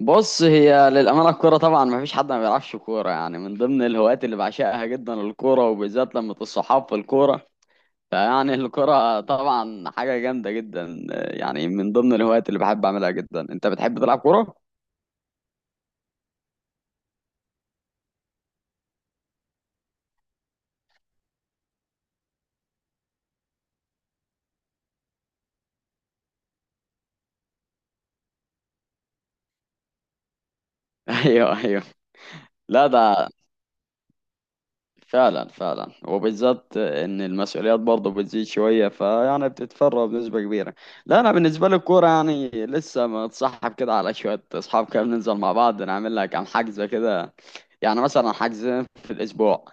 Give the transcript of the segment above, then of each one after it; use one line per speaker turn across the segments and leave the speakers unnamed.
بص هي للأمانة الكورة طبعا ما فيش حد ما بيلعبش كورة يعني من ضمن الهوايات اللي بعشقها جدا الكورة وبالذات لما الصحاب في الكورة فيعني الكورة طبعا حاجة جامدة جدا يعني من ضمن الهوايات اللي بحب أعملها جدا. أنت بتحب تلعب كورة؟ أيوه، أيوه. لا ده فعلا وبالذات ان المسؤوليات برضه بتزيد شويه فيعني بتتفرغ بنسبه كبيره. لا انا بالنسبه لي الكوره يعني لسه متصاحب كده على شويه اصحاب كده بننزل مع بعض نعمل لها كام حجز كده، يعني مثلا حجزين في الاسبوع.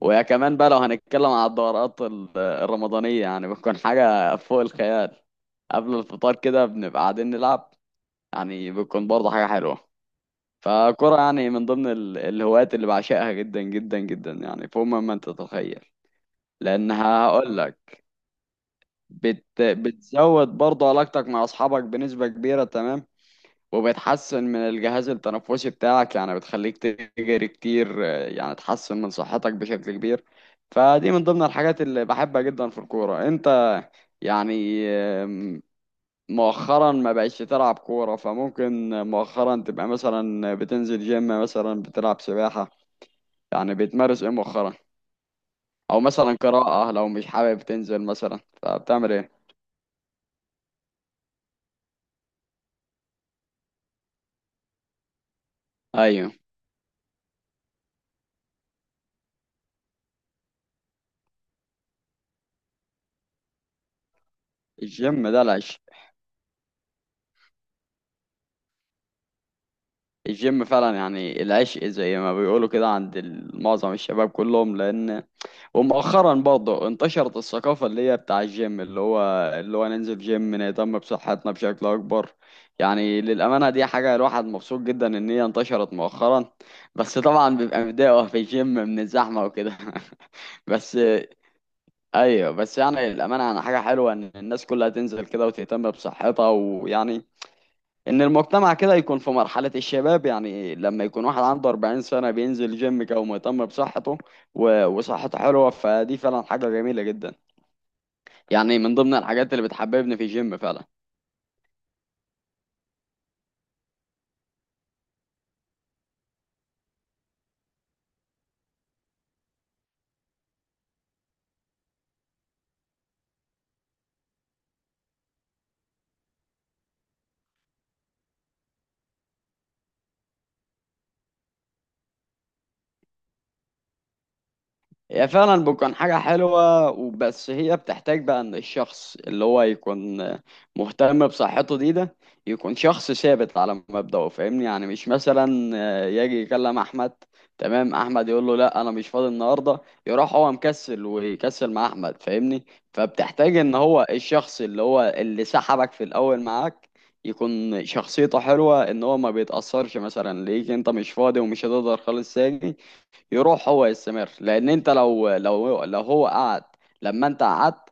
ويا كمان بقى لو هنتكلم على الدورات الرمضانيه يعني بتكون حاجه فوق الخيال، قبل الفطار كده بنبقى قاعدين نلعب، يعني بتكون برضه حاجه حلوه. فكرة يعني من ضمن الهوايات اللي بعشقها جدا جدا جدا يعني فوق ما انت تتخيل. لانها هقول لك، بتزود برضه علاقتك مع اصحابك بنسبة كبيرة، تمام، وبتحسن من الجهاز التنفسي بتاعك، يعني بتخليك تجري كتير يعني تحسن من صحتك بشكل كبير. فدي من ضمن الحاجات اللي بحبها جدا في الكورة. انت يعني مؤخرا ما بقتش تلعب كورة فممكن مؤخرا تبقى مثلا بتنزل جيم، مثلا بتلعب سباحة، يعني بتمارس ايه مؤخرا؟ او مثلا قراءة، لو مش حابب تنزل مثلا فبتعمل ايه؟ ايوه. الجيم ده العشق. الجيم فعلا يعني العشق زي ما بيقولوا كده عند معظم الشباب كلهم، لان ومؤخرا برضه انتشرت الثقافة اللي هي بتاع الجيم، اللي هو ننزل جيم نهتم بصحتنا بشكل اكبر. يعني للأمانة دي حاجة الواحد مبسوط جدا ان هي انتشرت مؤخرا. بس طبعا بيبقى متضايق وهو في الجيم من الزحمة وكده بس ايوه، بس يعني الامانه انا حاجه حلوه ان الناس كلها تنزل كده وتهتم بصحتها، ويعني ان المجتمع كده يكون في مرحله الشباب. يعني لما يكون واحد عنده 40 سنه بينزل جيم كده ومهتم بصحته وصحته حلوه، فدي فعلا حاجه جميله جدا. يعني من ضمن الحاجات اللي بتحببني في الجيم فعلا. هي فعلا بتكون حاجة حلوة، وبس هي بتحتاج بقى ان الشخص اللي هو يكون مهتم بصحته دي ده، يكون شخص ثابت على مبدأه، فاهمني؟ يعني مش مثلا يجي يكلم احمد، تمام، احمد يقول له لا انا مش فاضي النهاردة، يروح هو مكسل ويكسل مع احمد، فاهمني؟ فبتحتاج ان هو الشخص اللي هو اللي سحبك في الاول معاك يكون شخصيته حلوة، ان هو ما بيتأثرش مثلا ليك انت مش فاضي ومش هتقدر خالص تاجي، يروح هو يستمر. لان انت لو لو هو قعد لما انت قعدت،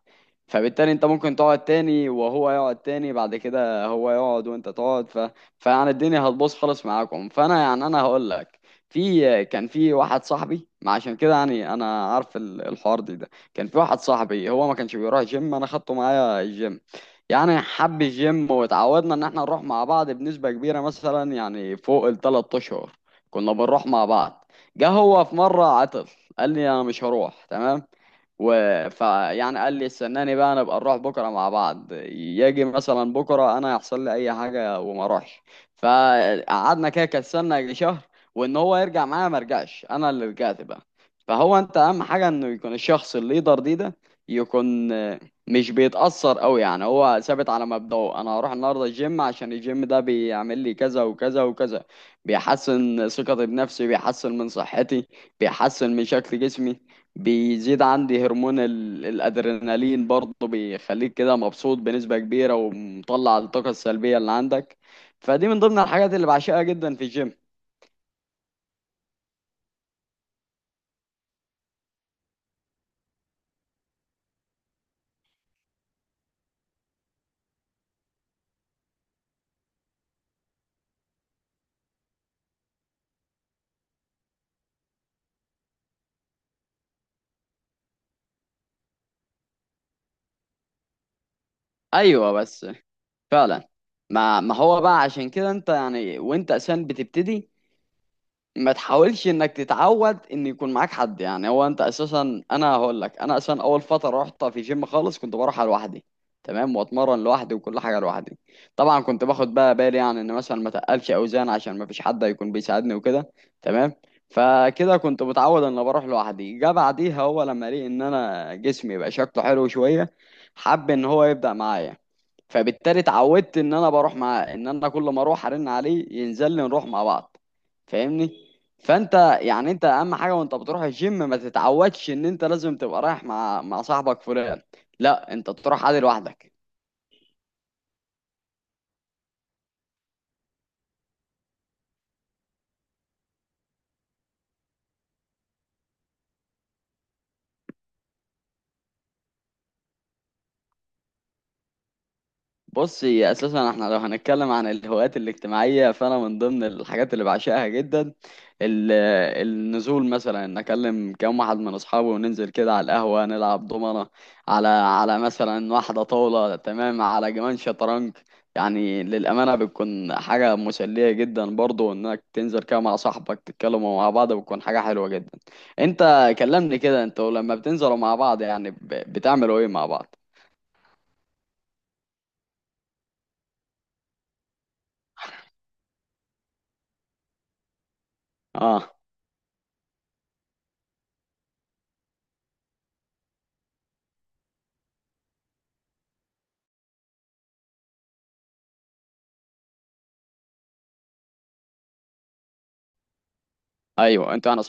فبالتالي انت ممكن تقعد تاني وهو يقعد تاني، بعد كده هو يقعد وانت تقعد فيعني الدنيا هتبوظ خالص معاكم. فانا يعني انا هقول لك، كان في واحد صاحبي، ما عشان كده يعني انا عارف الحوار دي ده. كان في واحد صاحبي هو ما كانش بيروح جيم، انا خدته معايا الجيم، يعني حب الجيم واتعودنا ان احنا نروح مع بعض بنسبة كبيرة، مثلا يعني فوق ال3 اشهر كنا بنروح مع بعض. جه هو في مرة عطل، قال لي أنا مش هروح، تمام، و فيعني قال لي استناني بقى نبقى نروح بكرة مع بعض، يجي مثلا بكرة أنا يحصل لي أي حاجة وما أروحش، فقعدنا كده كسلنا يجي شهر، وإن هو يرجع معايا ما رجعش، أنا اللي رجعت بقى. فهو أنت أهم حاجة إنه يكون الشخص الليدر دي ده، يكون مش بيتأثر أوي، يعني هو ثابت على مبدأه، أنا هروح النهاردة الجيم عشان الجيم ده بيعمل لي كذا وكذا وكذا، بيحسن ثقتي بنفسي، بيحسن من صحتي، بيحسن من شكل جسمي، بيزيد عندي هرمون الأدرينالين، برضه بيخليك كده مبسوط بنسبة كبيرة ومطلع الطاقة السلبية اللي عندك. فدي من ضمن الحاجات اللي بعشقها جدا في الجيم. أيوة بس. فعلا، ما هو بقى عشان كده انت يعني وانت أساسا بتبتدي ما تحاولش انك تتعود ان يكون معاك حد. يعني هو انت اساسا، انا هقول لك، انا اساسا اول فتره رحت في جيم خالص كنت بروح لوحدي، تمام، واتمرن لوحدي وكل حاجه لوحدي. طبعا كنت باخد بقى بالي يعني ان مثلا ما تقلش اوزان عشان ما فيش حد هيكون بيساعدني وكده، تمام. فكده كنت متعود ان بروح لوحدي، جه بعديها هو لما لقي ان انا جسمي بقى شكله حلو شويه، حب ان هو يبدا معايا. فبالتالي اتعودت ان انا بروح، مع ان انا كل ما اروح ارن عليه ينزل لي نروح مع بعض، فاهمني؟ فانت يعني انت اهم حاجه وانت بتروح الجيم ما تتعودش ان انت لازم تبقى رايح مع صاحبك فلان، لا انت تروح عادي لوحدك. بص هي اساسا احنا لو هنتكلم عن الهوايات الاجتماعيه فانا من ضمن الحاجات اللي بعشقها جدا ال- النزول، مثلا ان اكلم كام واحد من اصحابي وننزل كده على القهوه نلعب دومنه على مثلا واحده طاوله، تمام، على كمان شطرنج. يعني للامانه بتكون حاجه مسليه جدا برضو انك تنزل كده مع صاحبك تتكلموا مع بعض، بتكون حاجه حلوه جدا. انت كلمني كده، انتوا لما بتنزلوا مع بعض يعني بتعملوا ايه مع بعض؟ اه، ايوه. انتوا انا،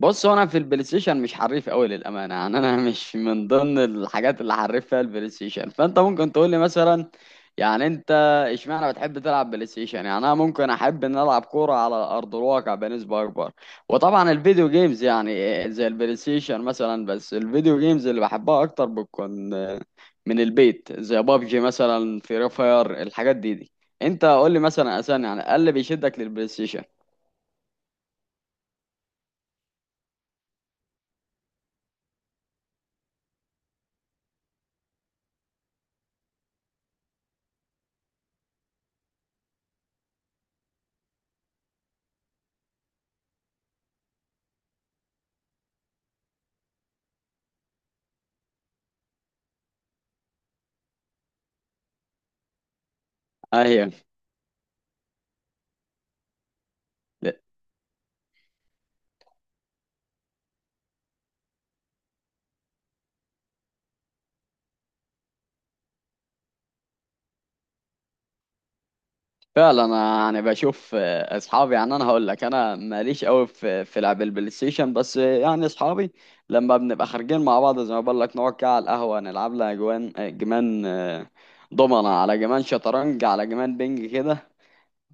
بص هو انا في البلاي ستيشن مش حريف قوي للامانه، يعني انا مش من ضمن الحاجات اللي حريف فيها البلاي ستيشن. فانت ممكن تقول لي مثلا، يعني انت اشمعنى بتحب تلعب بلاي ستيشن؟ يعني انا ممكن احب ان العب كوره على ارض الواقع بنسبه اكبر. وطبعا الفيديو جيمز يعني زي البلاي ستيشن مثلا، بس الفيديو جيمز اللي بحبها اكتر بتكون من البيت، زي بابجي مثلا، فري فاير، الحاجات دي دي. انت قول لي مثلا اساسا يعني إيه اللي بيشدك للبلاي ستيشن؟ ايوه. فعلا انا يعني بشوف اصحابي، يعني انا هقول لك انا ماليش قوي في لعب البلاي ستيشن، بس يعني اصحابي لما بنبقى خارجين مع بعض زي ما بقول لك نقعد كده على القهوه نلعب لها جوان آه، جمان آه، دومنه على جمان، شطرنج على جمان، بينج كده.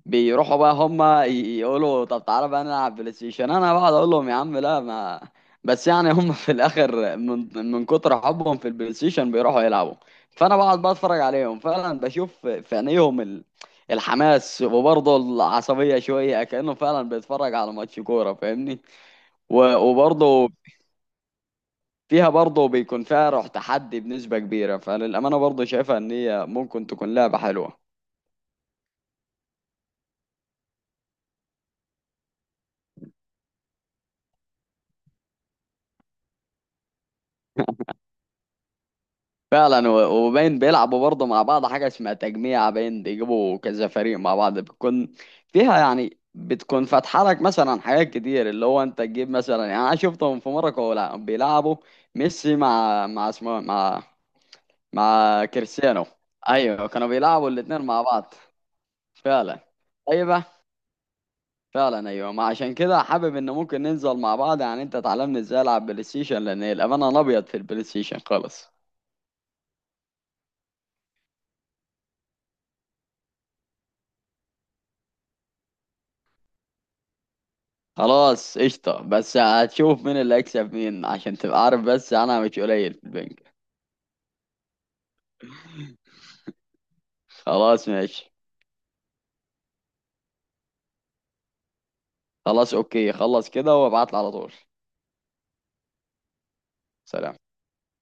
بيروحوا بقى هما يقولوا طب تعالى بقى نلعب بلاي ستيشن، انا بقعد اقول لهم يا عم لا ما، بس يعني هم في الاخر من كتر حبهم في البلاي ستيشن بيروحوا يلعبوا. فانا بقعد بقى اتفرج عليهم، فعلا بشوف في عينيهم الحماس وبرضه العصبية شوية، كأنه فعلا بيتفرج على ماتش كورة، فاهمني؟ وبرضه فيها برضه بيكون فيها روح تحدي بنسبة كبيرة، فللأمانة برضه شايفها إن هي ممكن تكون لعبة حلوة. فعلا وباين بيلعبوا برضه مع بعض حاجة اسمها تجميع، باين بيجيبوا كذا فريق مع بعض بتكون فيها، يعني بتكون فاتحة لك مثلا حاجات كتير، اللي هو انت تجيب مثلا، يعني انا شفتهم في مرة كانوا بيلعبوا ميسي مع اسمه مع كريستيانو. ايوه كانوا بيلعبوا الاتنين مع بعض. فعلا، ايوه، فعلا ايوه، ما عشان كده حابب ان ممكن ننزل مع بعض، يعني انت تعلمني ازاي العب بلاي ستيشن، لان الامانة انا ابيض في البلاي ستيشن خالص. خلاص قشطة، بس هتشوف مين اللي هيكسب مين عشان تبقى عارف، بس انا مش قليل في البنك. خلاص ماشي. خلاص اوكي، خلص كده وابعتلي على طول. سلام.